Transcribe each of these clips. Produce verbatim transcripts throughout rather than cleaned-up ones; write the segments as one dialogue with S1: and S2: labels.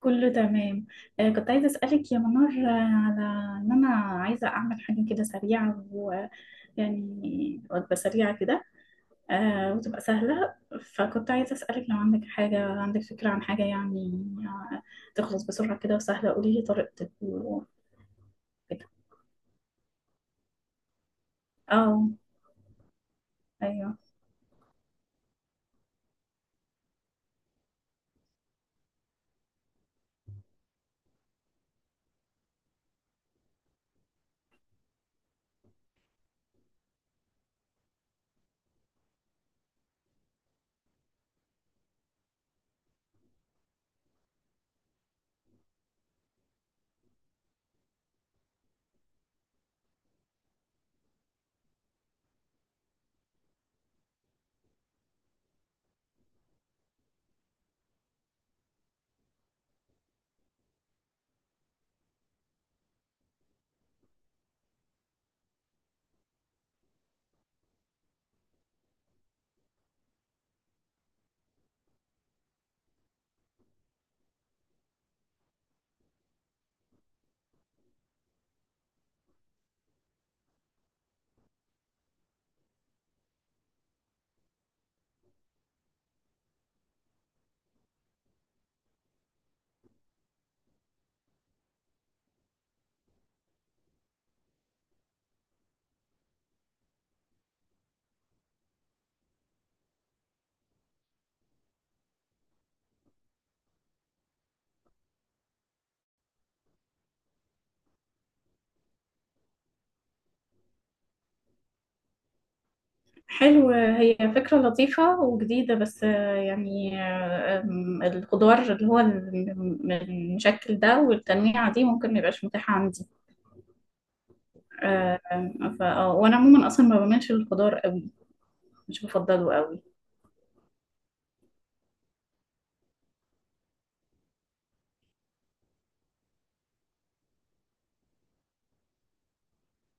S1: كله تمام. آه، كنت عايزة أسألك يا منار، آه، على إن أنا عايزة أعمل حاجة كده سريعة، ويعني وجبة سريعة كده، آه، وتبقى سهلة. فكنت عايزة أسألك لو عندك حاجة، عندك فكرة عن حاجة يعني آه، تخلص بسرعة كده وسهلة. قولي لي طريقتك وكده. اه. أيوه. حلو، هي فكرة لطيفة وجديدة، بس آه، يعني آه، آم، الخضار اللي هو الم- المشكل ده والتنويعة دي ممكن ميبقاش متاحة عندي. آه، فا آه، وانا عموما اصلا ما بعملش الخضار قوي. مش بفضله قوي.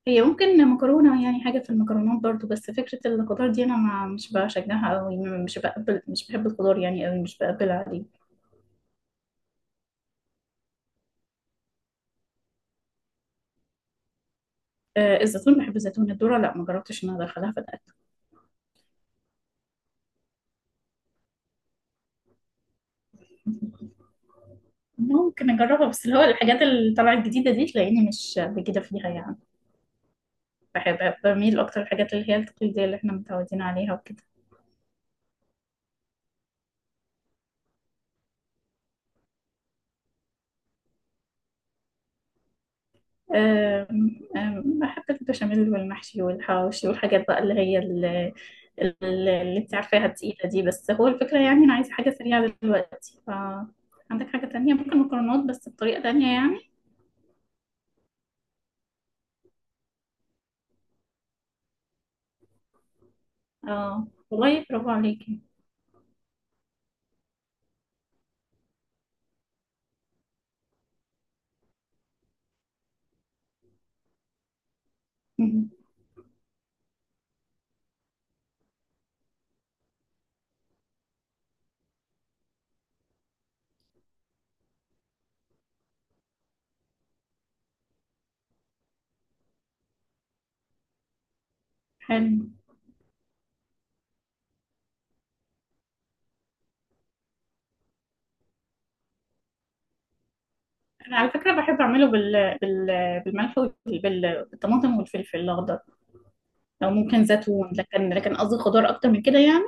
S1: هي ممكن مكرونه، يعني حاجه في المكرونات برضو، بس فكره الخضار دي انا ما مش بشجعها قوي، م- مش بقبل مش بحب الخضار يعني قوي، مش بقبل عليه. آه، الزيتون، بحب الزيتون. الذره لا، ما جربتش ان انا ادخلها في الاكل. ممكن اجربها، بس اللي هو الحاجات اللي طالعه الجديده دي تلاقيني مش بجد فيها يعني. بحب بميل اكتر الحاجات اللي هي التقليديه اللي احنا متعودين عليها وكده. أم- أم، بحب البشاميل والمحشي والحواوشي والحاجات بقى اللي هي ال- ال- اللي انت عارفاها التقيلة دي، بس هو الفكرة يعني انا عايزة حاجة سريعة دلوقتي، ف عندك حاجة تانية؟ ممكن مكرونات بس بطريقة تانية يعني. اه والله، برافو عليكي. مم. حلو. انا على فكرة بحب اعمله بال... بال... بالملح وبال... بالطماطم والفلفل الاخضر. او ممكن زيتون، لكن لكن قصدي خضار اكتر من كده يعني.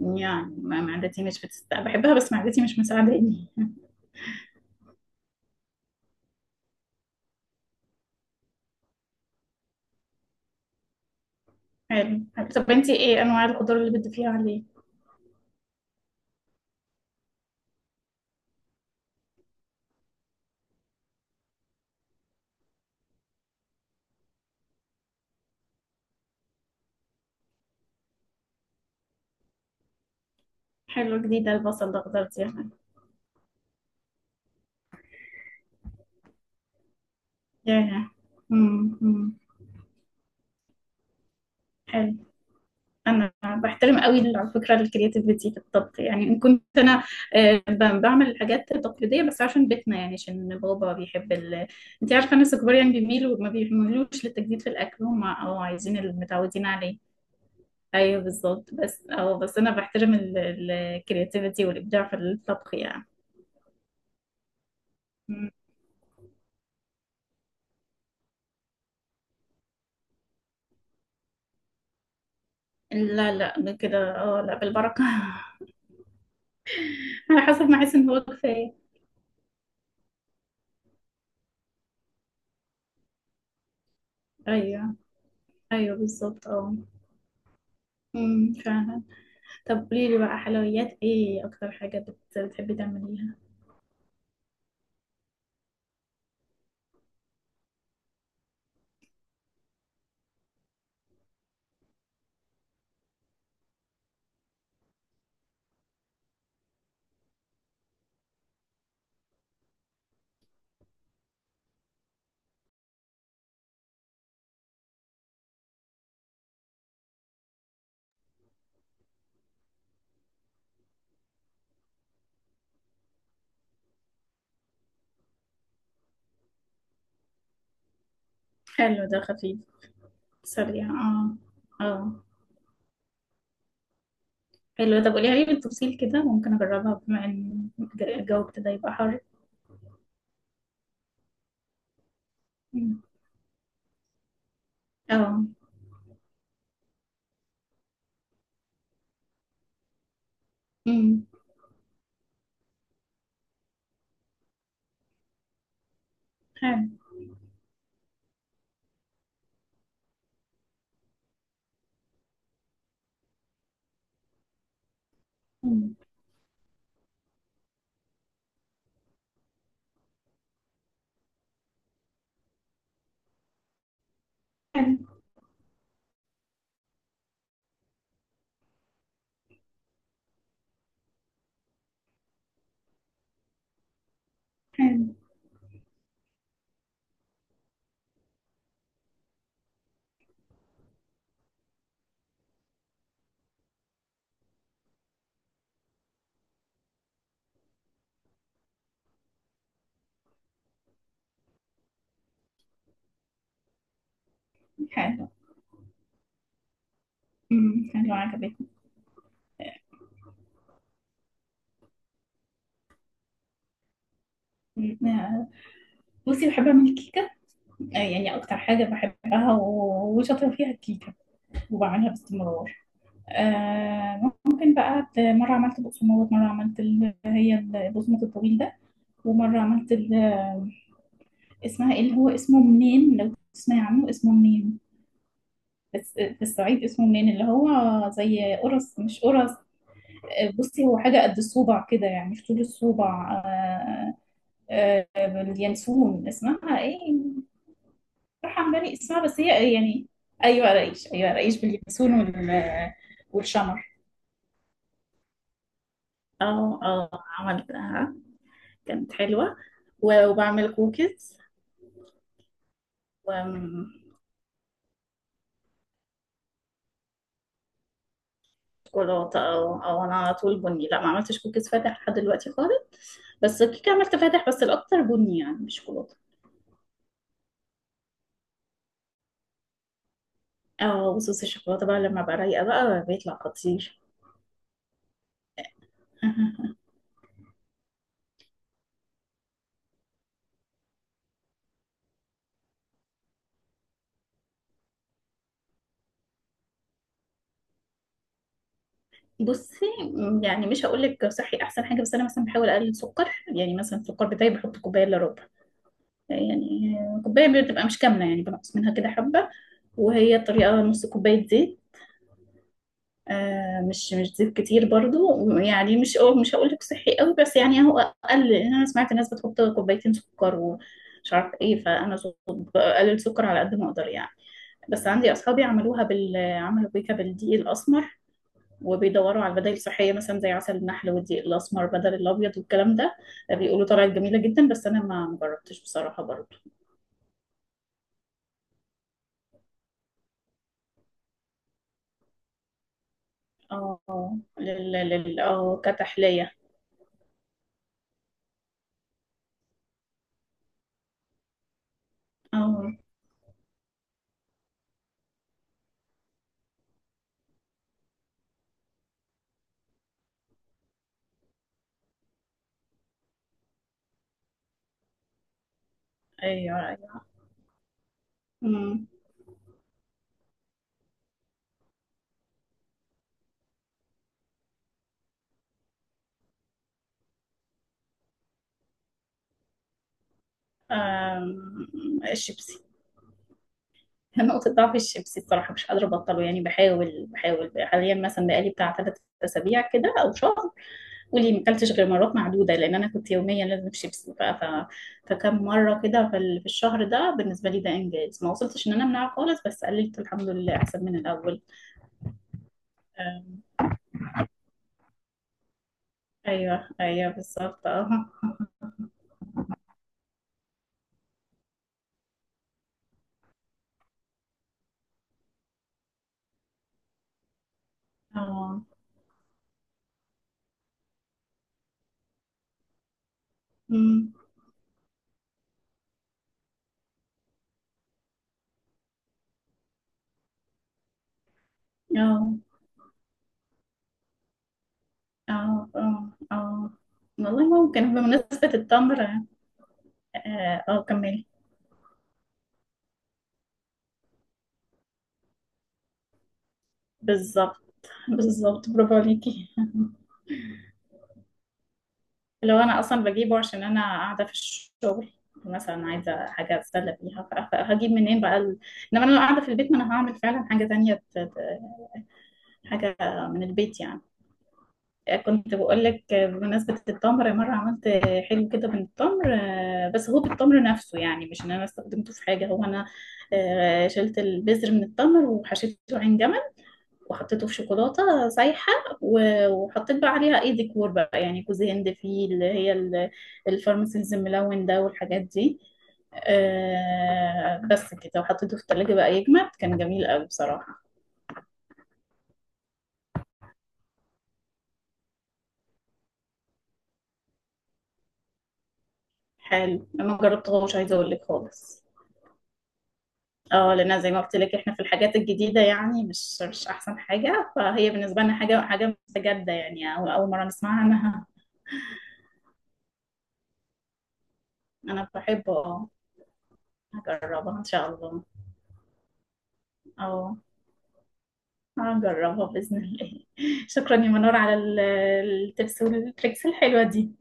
S1: يعني ما- معدتي مش بتست... بحبها، بس معدتي مش مساعداني. حلو، حلو. طب انتي ايه انواع الخضار اللي بتضيفيها عليه؟ حلو، جديدة البصل الاخضر دي يعني. ياه. أمم، أمم. حلو. انا بحترم قوي ال- على فكره الكرياتيفيتي في الطبخ، يعني ان كنت انا آه، ب- بعمل الحاجات التقليديه، بس عشان بيتنا، يعني عشان بابا بيحب ال... انت عارفه الناس الكبار يعني بيميلوا ما بيميلوش للتجديد في الاكل، هم اه عايزين المتعودين عليه. ايوه بالظبط، بس اه بس انا بحترم الكرياتيفيتي والابداع في الطبخ يعني. لا، لا ده كده اه لا بالبركة. على حسب ما احس ان هو كفاية. ايوه، ايوه، بالظبط، اه. امم، فعلا. طب قولي لي بقى، حلويات ايه اكتر حاجة بت- بتحبي تعمليها؟ حلو، ده خفيف. سريع، اه. اه. حلو، طب قوليها لي بالتفصيل كده، ممكن اجربها بما ان الجو ابتدى يبقى حر. أمم. اه. امم. حلو. أمم. حلو، حلو، حلو. أمم، حلو عجبتني. أمم. آه. بصي بحب اعمل كيكة، آه، يعني أكتر حاجة بحبها و- وشاطرة فيها الكيكة، وبعملها باستمرار. آه، ممكن بقى ت- مرة عملت بقسماط، مرة عملت ال- هي البقسماط الطويل ده، ومرة عملت ال- اسمها ايه؟ اللي هو اسمه منين، لو تسمعي عنه اسمه منين، بس في الصعيد اسمه منين، اللي هو زي قرص مش قرص. آه، بصي هو حاجة قد الصوبع كده، يعني في طول الصوبع. آه، آه، اليانسون، اسمها ايه؟ ترحم بني اسمها، بس هي يعني. ايوه رئيش، ايوه رئيش، باليانسون وال والشمر. اه، اه عملتها، كانت حلوة. و- وبعمل كوكيز وشوكولاتة. اه، اه، انا على طول بني، لا ما عملتش كوكيز فاتح لحد دلوقتي خالص. بس الكيكة عملت فاتح، بس الاكتر بني يعني، مش شوكولاتة. اه، وصوص الشوكولاتة بقى لما بقى رايقة بقى بيطلع خطير. بصي، يعني مش هقول لك صحي احسن حاجه، بس انا مثلا بحاول اقلل سكر. يعني مثلا السكر بتاعي بحط كوبايه الا ربع، يعني كوباية بتبقى مش كاملة، يعني بنقص منها كده حبة. وهي الطريقة نص كوباية زيت، آه، مش مش زيت كتير برضو يعني. مش مش هقول لك صحي قوي، بس يعني هو اقل، لأن انا سمعت الناس بتحط كوبايتين سكر ومش عارف ايه، فانا ص- بقلل سكر على قد ما اقدر يعني. بس عندي اصحابي عملوها بال عملوا بيكا بالدقيق الاسمر، وبيدوروا على البدائل الصحيه مثلا زي عسل النحل والدقيق الاسمر بدل الابيض والكلام ده. بيقولوا طلعت جميله جدا، بس انا ما ما جربتش بصراحه برضو. اه، لل لل اه كتحلية. اه، ايوه، ايوه. أمم. آم، الشيبسي. نقطة ضعف الشيبسي الصراحة، مش قادرة أبطله يعني. بحاول، بحاول حاليا، مثلا بقالي بتاع ثلاث أسابيع كده أو شهر، ولي ما أكلتش غير مرات معدودة، لأن أنا كنت يوميا لازم شيبسي ف... ف... فكم مرة كده في ال- في الشهر ده بالنسبة لي ده إنجاز، ما وصلتش إن أنا أمنعه خالص، بس قللت الحمد لله أحسن من الأول. آم، أيوه، أيوه، بالظبط، أه. أه، أمم. اه، اه، اه، اه والله، ممكن بمناسبة التمر، اه. آه، اه، كملي. بالظبط، بالظبط، برافو عليكي. لو انا اصلا بجيبه عشان انا قاعدة في الشغل، مثلا عايزة حاجة اتسلى بيها، ف- فهجيب منين بقى ال... انما انا لو قاعدة في البيت، ما انا هعمل فعلا حاجة تانية ت- ت- حاجة من البيت يعني. كنت بقول لك، بمناسبة التمر مرة عملت حلو كده من التمر، آه، بس هو بالتمر نفسه يعني، مش ان انا استخدمته في حاجة، هو انا آه، شلت البذر من التمر وحشيته عين جمل، وحطيته في شوكولاتة سايحة، و- وحطيت بقى عليها ايه ديكور بقى يعني كوز هند فيه، اللي هي ال- الفارماسيز الملون ده والحاجات دي. آه، بس كده، وحطيته في التلاجة بقى يجمد. كان جميل قوي بصراحة. حلو، انا ما جربتهوش عايزة اقول لك خالص. اه، لان زي ما قلت لك احنا في الحاجات الجديده يعني مش مش احسن حاجه، فهي بالنسبه لنا حاجه، حاجه مستجده يعني، أو اول مره نسمعها عنها. انا بحبه، اه. هجربها ان شاء الله. اه. هجربها باذن الله. شكرا يا منور على ال- التبس والتريكس الحلوه دي.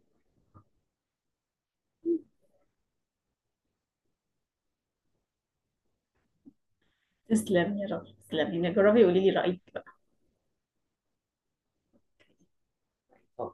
S1: تسلمي يا رب، تسلمي، جربي وقولي لي رايك بقى.